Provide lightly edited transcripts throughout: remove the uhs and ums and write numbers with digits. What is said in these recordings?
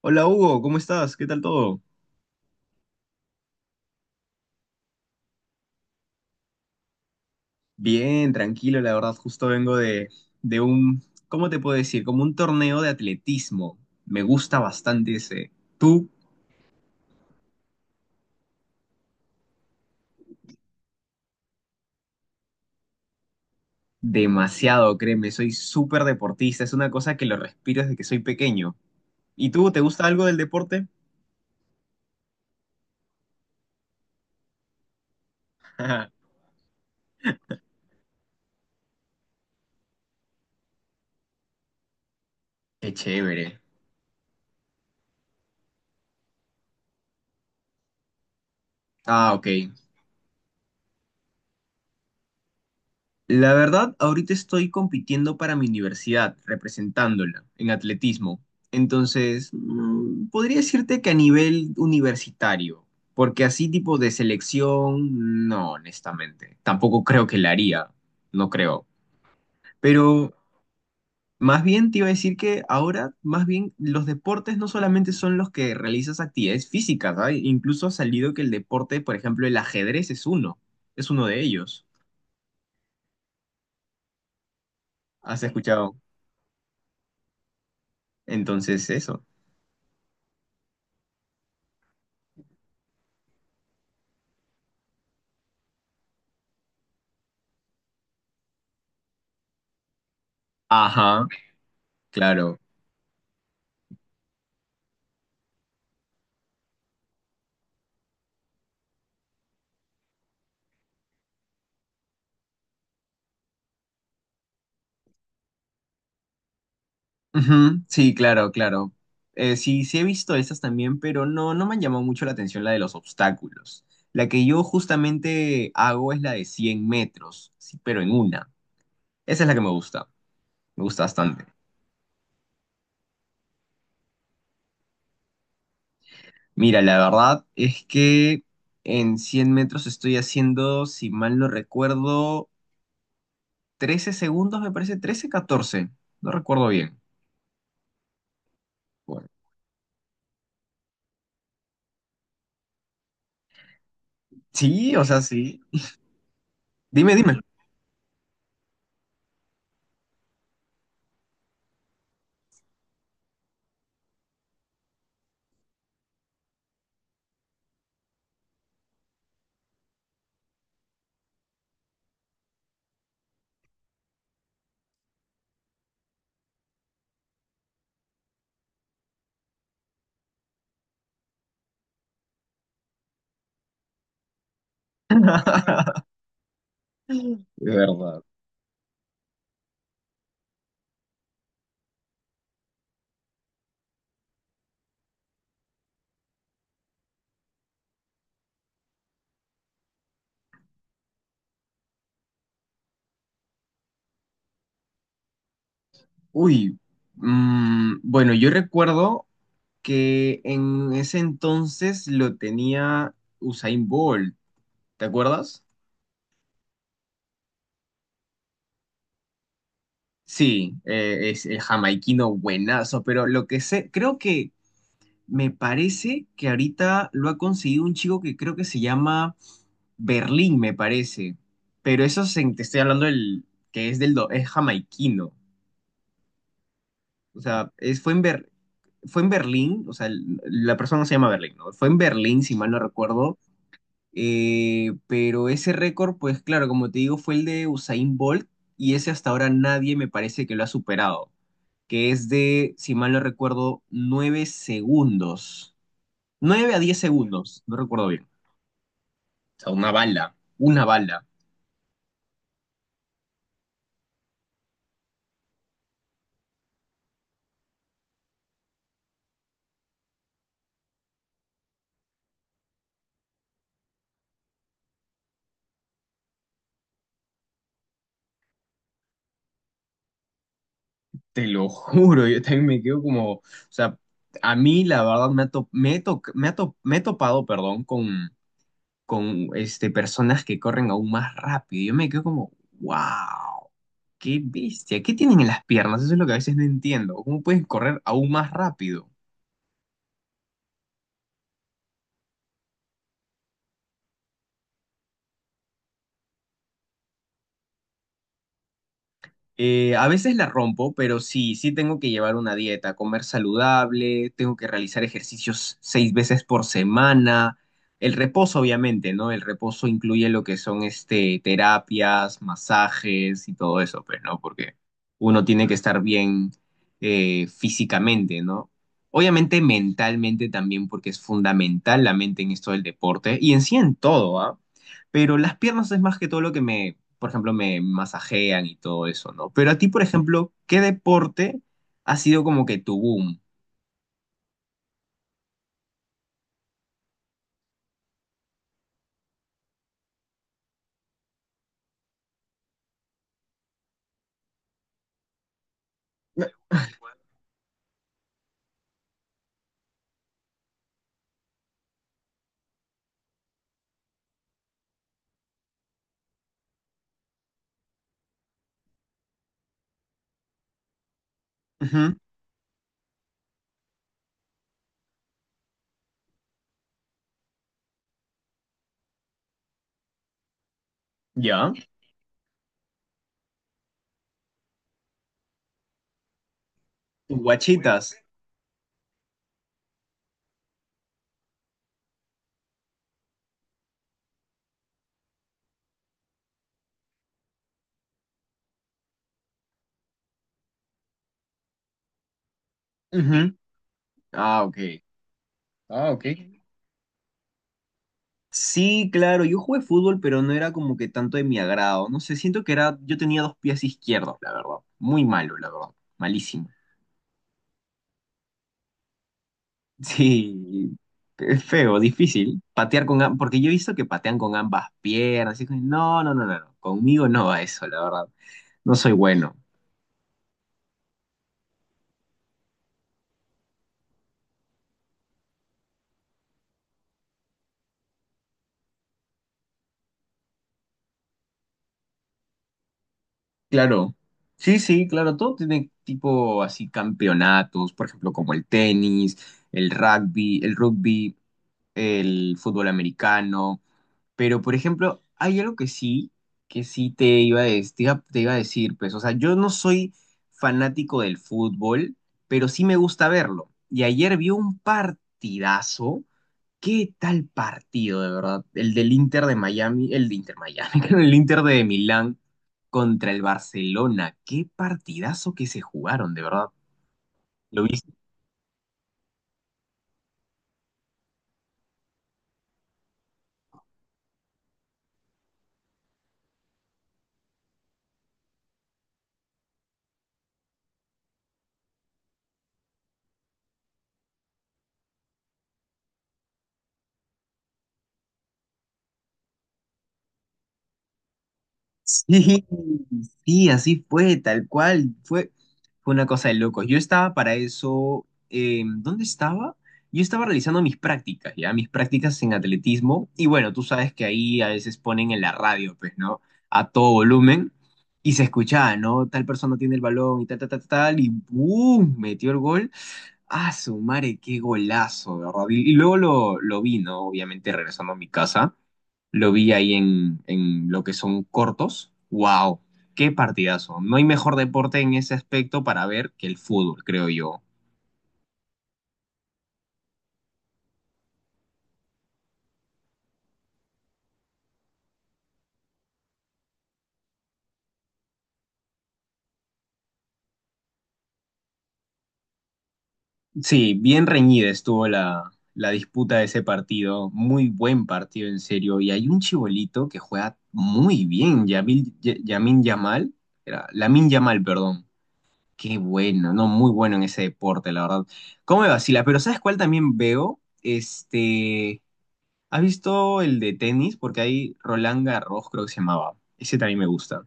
Hola Hugo, ¿cómo estás? ¿Qué tal todo? Bien, tranquilo, la verdad, justo vengo de un, ¿cómo te puedo decir? Como un torneo de atletismo. Me gusta bastante ese. Tú, demasiado, créeme, soy súper deportista, es una cosa que lo respiro desde que soy pequeño. ¿Y tú, te gusta algo del deporte? Qué chévere. Ah, ok. La verdad, ahorita estoy compitiendo para mi universidad, representándola en atletismo. Entonces, podría decirte que a nivel universitario, porque así tipo de selección, no, honestamente. Tampoco creo que la haría, no creo. Pero más bien te iba a decir que ahora, más bien, los deportes no solamente son los que realizas actividades físicas, ¿ah? Incluso ha salido que el deporte, por ejemplo, el ajedrez es uno de ellos. ¿Has escuchado? Entonces, eso. Ajá, claro. Ujú, sí, claro, claro. Sí, sí he visto estas también, pero no, no me han llamado mucho la atención la de los obstáculos. La que yo justamente hago es la de 100 metros, sí, pero en una. Esa es la que me gusta bastante. Mira, la verdad es que en 100 metros estoy haciendo, si mal no recuerdo, 13 segundos, me parece, 13, 14. No recuerdo bien. Bueno, sí, o sea, sí. Dime, dime. De verdad. Uy, bueno, yo recuerdo que en ese entonces lo tenía Usain Bolt, ¿te acuerdas? Sí, es el jamaiquino buenazo, pero lo que sé, creo que me parece que ahorita lo ha conseguido un chico que creo que se llama Berlín, me parece, pero te estoy hablando del que es jamaiquino, o sea, es, fue en Ber- fue en Berlín, o sea, la persona no se llama Berlín, ¿no? Fue en Berlín, si mal no recuerdo. Pero ese récord, pues claro, como te digo, fue el de Usain Bolt y ese hasta ahora nadie me parece que lo ha superado, que es de, si mal no recuerdo, 9 segundos. 9 a 10 segundos, no recuerdo bien. O sea, una bala, una bala. Te lo juro, yo también me quedo como, o sea, a mí la verdad me ha, to- me he to- me ha to- me he topado, perdón, con este, personas que corren aún más rápido. Yo me quedo como, wow. Qué bestia, ¿qué tienen en las piernas? Eso es lo que a veces no entiendo. ¿Cómo pueden correr aún más rápido? A veces la rompo, pero sí, sí tengo que llevar una dieta, comer saludable, tengo que realizar ejercicios 6 veces por semana. El reposo, obviamente, ¿no? El reposo incluye lo que son este, terapias, masajes y todo eso, pues, ¿no? Porque uno tiene que estar bien físicamente, ¿no? Obviamente mentalmente también, porque es fundamental la mente en esto del deporte y en sí en todo, ¿ah? Pero las piernas es más que todo lo que me por ejemplo, me masajean y todo eso, ¿no? Pero a ti, por ejemplo, ¿qué deporte ha sido como que tu boom? Ujú, ¿ya? ¿Tus guachitas? Ujú. Ah, ok. Ah, ok. Sí, claro, yo jugué fútbol, pero no era como que tanto de mi agrado. No sé, siento que era, yo tenía dos pies izquierdos, la verdad. Muy malo, la verdad. Malísimo. Sí, es feo, difícil. Patear porque yo he visto que patean con ambas piernas. Y es como, no, no, no, no, no. Conmigo no va eso, la verdad. No soy bueno. Claro, sí, sí, claro, todo tiene tipo así campeonatos, por ejemplo, como el tenis, el rugby, el fútbol americano, pero por ejemplo, hay algo que sí te iba a, des- te iba a decir, pues, o sea, yo no soy fanático del fútbol, pero sí me gusta verlo. Y ayer vi un partidazo. ¿Qué tal partido, de verdad? El de Inter Miami, El Inter de Milán contra el Barcelona. Qué partidazo que se jugaron, de verdad. ¿Lo viste? Sí, sí, así fue, tal cual, fue una cosa de locos. Yo estaba para eso, ¿dónde estaba? Yo estaba realizando mis prácticas, ya, mis prácticas en atletismo, y bueno, tú sabes que ahí a veces ponen en la radio, pues, ¿no? A todo volumen, y se escuchaba, ¿no? Tal persona tiene el balón y tal, tal, tal, tal, y ¡boom! Metió el gol. ¡Ah, su madre, qué golazo! ¿De verdad? Y luego lo vi, ¿no? Obviamente regresando a mi casa lo vi ahí en lo que son cortos. ¡Wow! ¡Qué partidazo! No hay mejor deporte en ese aspecto para ver que el fútbol, creo yo. Sí, bien reñida estuvo la disputa de ese partido. Muy buen partido, en serio. Y hay un chibolito que juega muy bien, Yamil, Yamin Yamal. Era, Lamin Yamal, perdón. Qué bueno, no, muy bueno en ese deporte, la verdad. ¿Cómo me vacila? Pero ¿sabes cuál también veo? Este, ¿has visto el de tenis? Porque hay Roland Garros, creo que se llamaba. Ese también me gusta.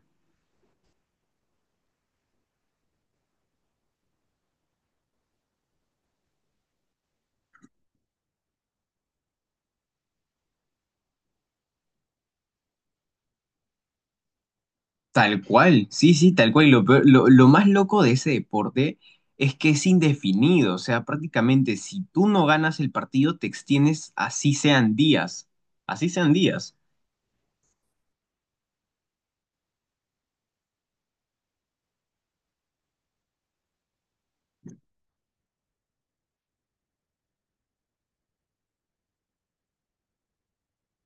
Tal cual, sí, sí, tal cual. Y lo más loco de ese deporte es que es indefinido. O sea, prácticamente si tú no ganas el partido, te extiendes así sean días. Así sean días.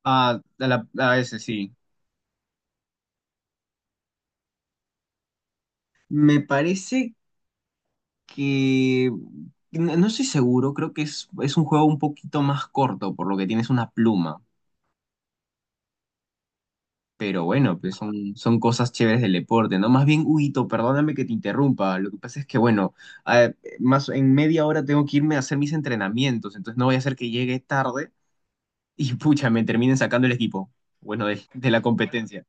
Ah, a ese sí. Me parece que. No, no estoy seguro, creo que es un juego un poquito más corto, por lo que tienes una pluma. Pero bueno, pues son cosas chéveres del deporte, ¿no? Más bien, Huguito, perdóname que te interrumpa. Lo que pasa es que, bueno, a- más en media hora tengo que irme a hacer mis entrenamientos, entonces no voy a hacer que llegue tarde y pucha, me terminen sacando el equipo, bueno, de la competencia.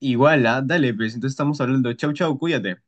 Igual, ¿ah? Dale, pues entonces estamos hablando. Chau, chau, cuídate.